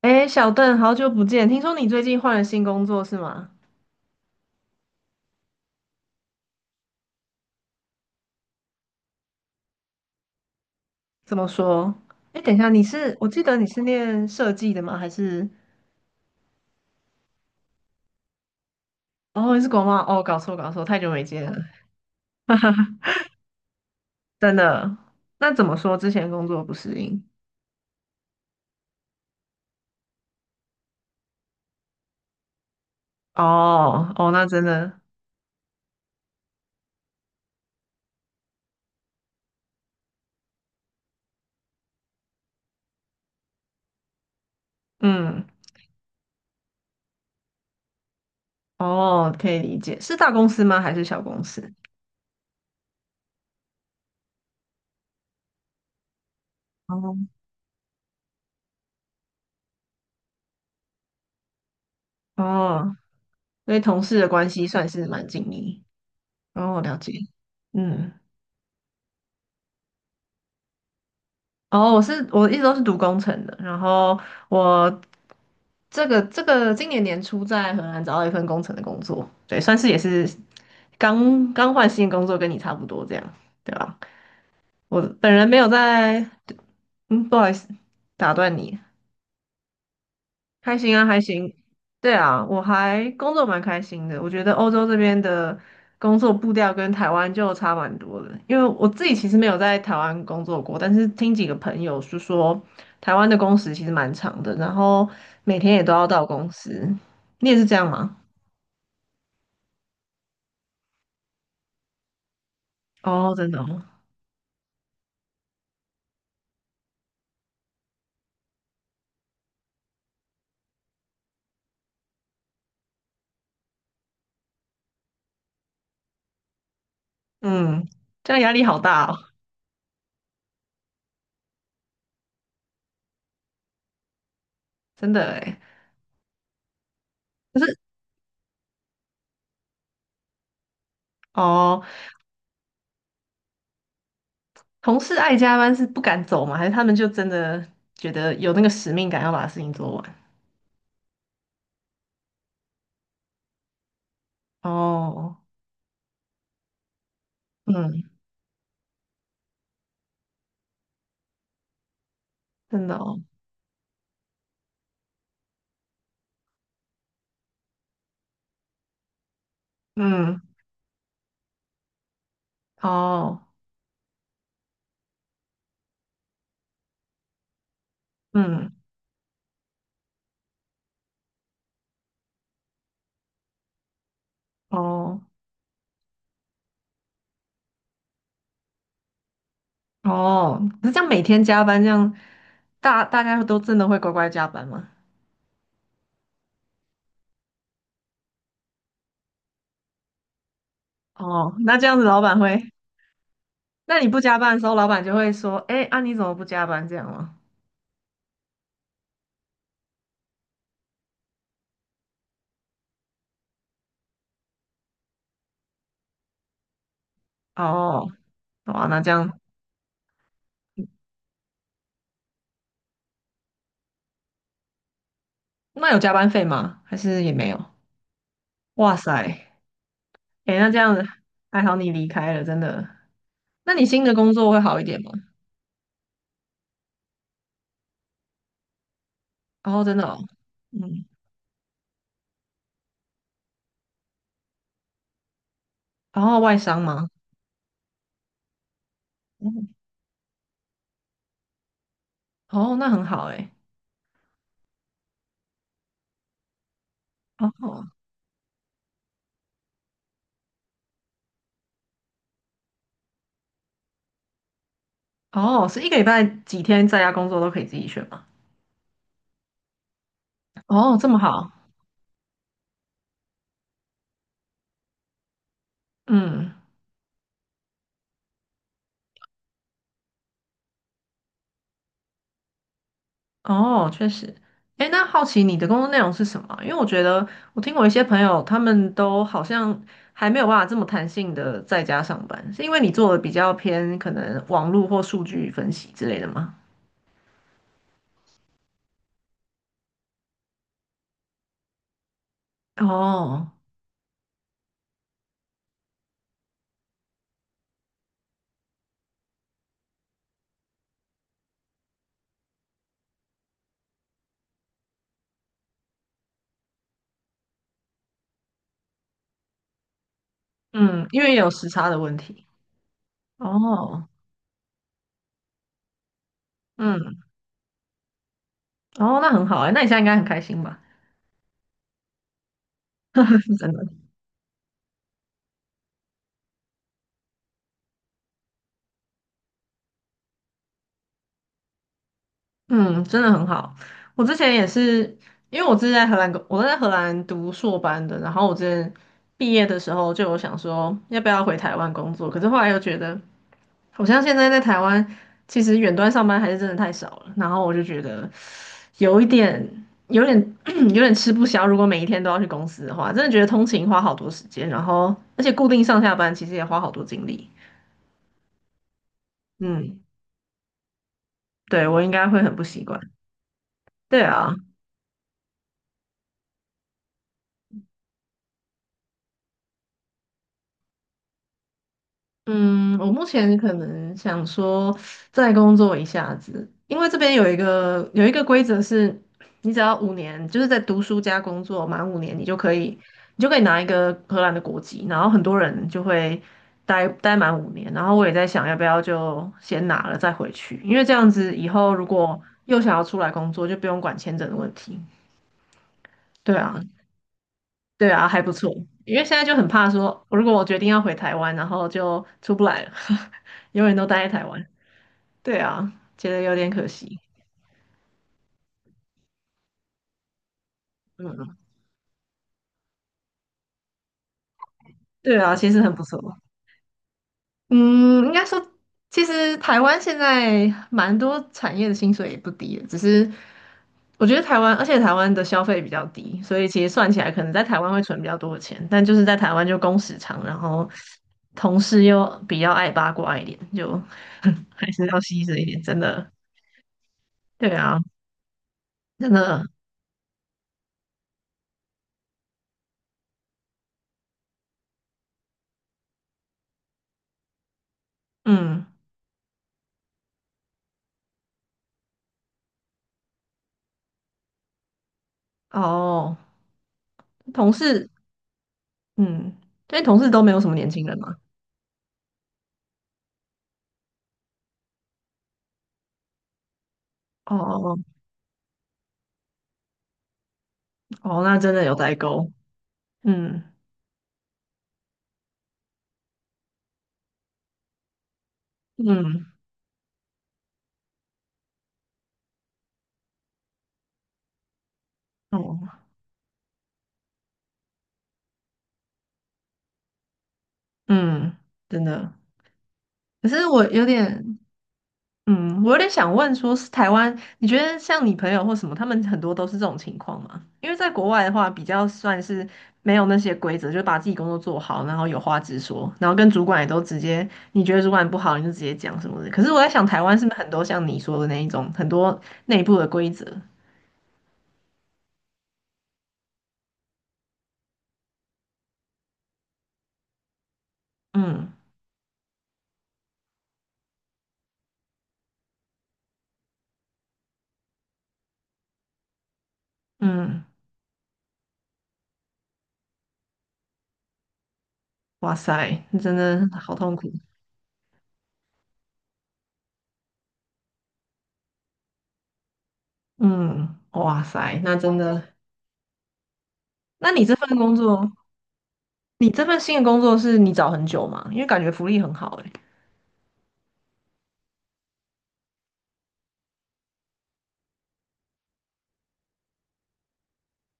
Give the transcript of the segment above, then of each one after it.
哎，小邓，好久不见！听说你最近换了新工作是吗？怎么说？哎，等一下，你是，我记得你是念设计的吗？还是，哦，你是国贸？哦，搞错搞错，太久没见了，哈哈真的。那怎么说？之前工作不适应？哦哦，那真的，嗯，哦，可以理解。是大公司吗？还是小公司？哦哦，所以同事的关系算是蛮紧密。哦，我了解。嗯，哦，我一直都是读工程的，然后我这个今年年初在荷兰找到一份工程的工作，对，算是也是刚刚换新工作，跟你差不多这样，对吧？我本人没有在，嗯，不好意思，打断你，还行啊，还行，对啊，我还工作蛮开心的，我觉得欧洲这边的工作步调跟台湾就差蛮多的，因为我自己其实没有在台湾工作过，但是听几个朋友是说，台湾的工时其实蛮长的，然后每天也都要到公司，你也是这样吗？哦，真的哦，嗯，这样压力好大哦，真的诶。可是哦，同事爱加班是不敢走吗？还是他们就真的觉得有那个使命感要把事情做完？哦，嗯，真的哦，嗯，哦，嗯，哦，哦，可是这样每天加班，这样大家都真的会乖乖加班吗？哦，那这样子老板会，那你不加班的时候，老板就会说，哎，啊你怎么不加班这样吗？哦，哇，那这样。那有加班费吗？还是也没有？哇塞，哎，那这样子还好你离开了，真的。那你新的工作会好一点吗？哦，真的哦，嗯，然后外商吗？嗯哦，那很好哎。哦哦，是一个礼拜几天在家工作都可以自己选吗？哦，这么好，嗯。哦，确实。诶，那好奇你的工作内容是什么啊？因为我觉得我听我一些朋友，他们都好像还没有办法这么弹性的在家上班，是因为你做的比较偏可能网络或数据分析之类的吗？哦，嗯，因为也有时差的问题。哦，嗯，哦，那很好诶，那你现在应该很开心吧？真的。嗯，真的很好。我之前也是，因为我之前在荷兰，我在荷兰读硕班的，然后我之前毕业的时候就有想说要不要回台湾工作，可是后来又觉得，好像现在在台湾其实远端上班还是真的太少了，然后我就觉得有一点，有点 有点吃不消。如果每一天都要去公司的话，真的觉得通勤花好多时间，然后而且固定上下班其实也花好多精力。嗯，对，我应该会很不习惯。对啊。嗯，我目前可能想说再工作一下子，因为这边有一个规则是，你只要五年，就是在读书加工作满五年，你就可以拿一个荷兰的国籍，然后很多人就会待满五年，然后我也在想要不要就先拿了再回去，因为这样子以后如果又想要出来工作，就不用管签证的问题。对啊，对啊，还不错。因为现在就很怕说，如果我决定要回台湾，然后就出不来了，永远都待在台湾。对啊，觉得有点可惜。嗯，对啊，其实很不错。嗯，应该说，其实台湾现在蛮多产业的薪水也不低的只是我觉得台湾，而且台湾的消费比较低，所以其实算起来可能在台湾会存比较多的钱，但就是在台湾就工时长，然后同事又比较爱八卦一点，就 还是要牺牲一点，真的对啊，真的，嗯，哦，同事，嗯，因为同事都没有什么年轻人嘛，哦哦，那真的有代沟，嗯嗯哦嗯，真的。可是我有点，嗯，我有点想问说，是台湾，你觉得像你朋友或什么，他们很多都是这种情况吗？因为在国外的话，比较算是没有那些规则，就把自己工作做好，然后有话直说，然后跟主管也都直接，你觉得主管不好，你就直接讲什么的。可是我在想，台湾是不是很多像你说的那一种，很多内部的规则？嗯嗯，哇塞，那真的好痛苦。嗯，哇塞，那真的，那你这份工作，你这份新的工作是你找很久吗？因为感觉福利很好欸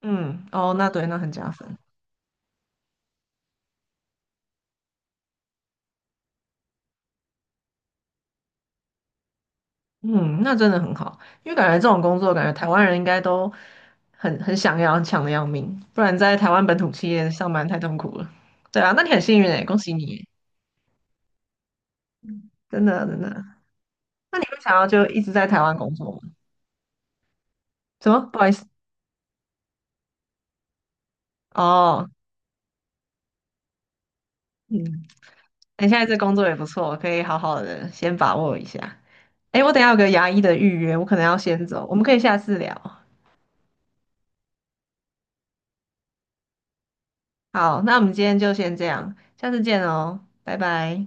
嗯，哦，那对，那很加分。嗯，那真的很好，因为感觉这种工作，感觉台湾人应该都很想要，很抢的要命，不然在台湾本土企业上班太痛苦了。对啊，那你很幸运诶，恭喜你耶，真的真的。那你会想要就一直在台湾工作吗？什么？不好意思，哦，嗯，你现在这工作也不错，可以好好的先把握一下。诶，我等一下有个牙医的预约，我可能要先走，我们可以下次聊。好，那我们今天就先这样，下次见哦，拜拜。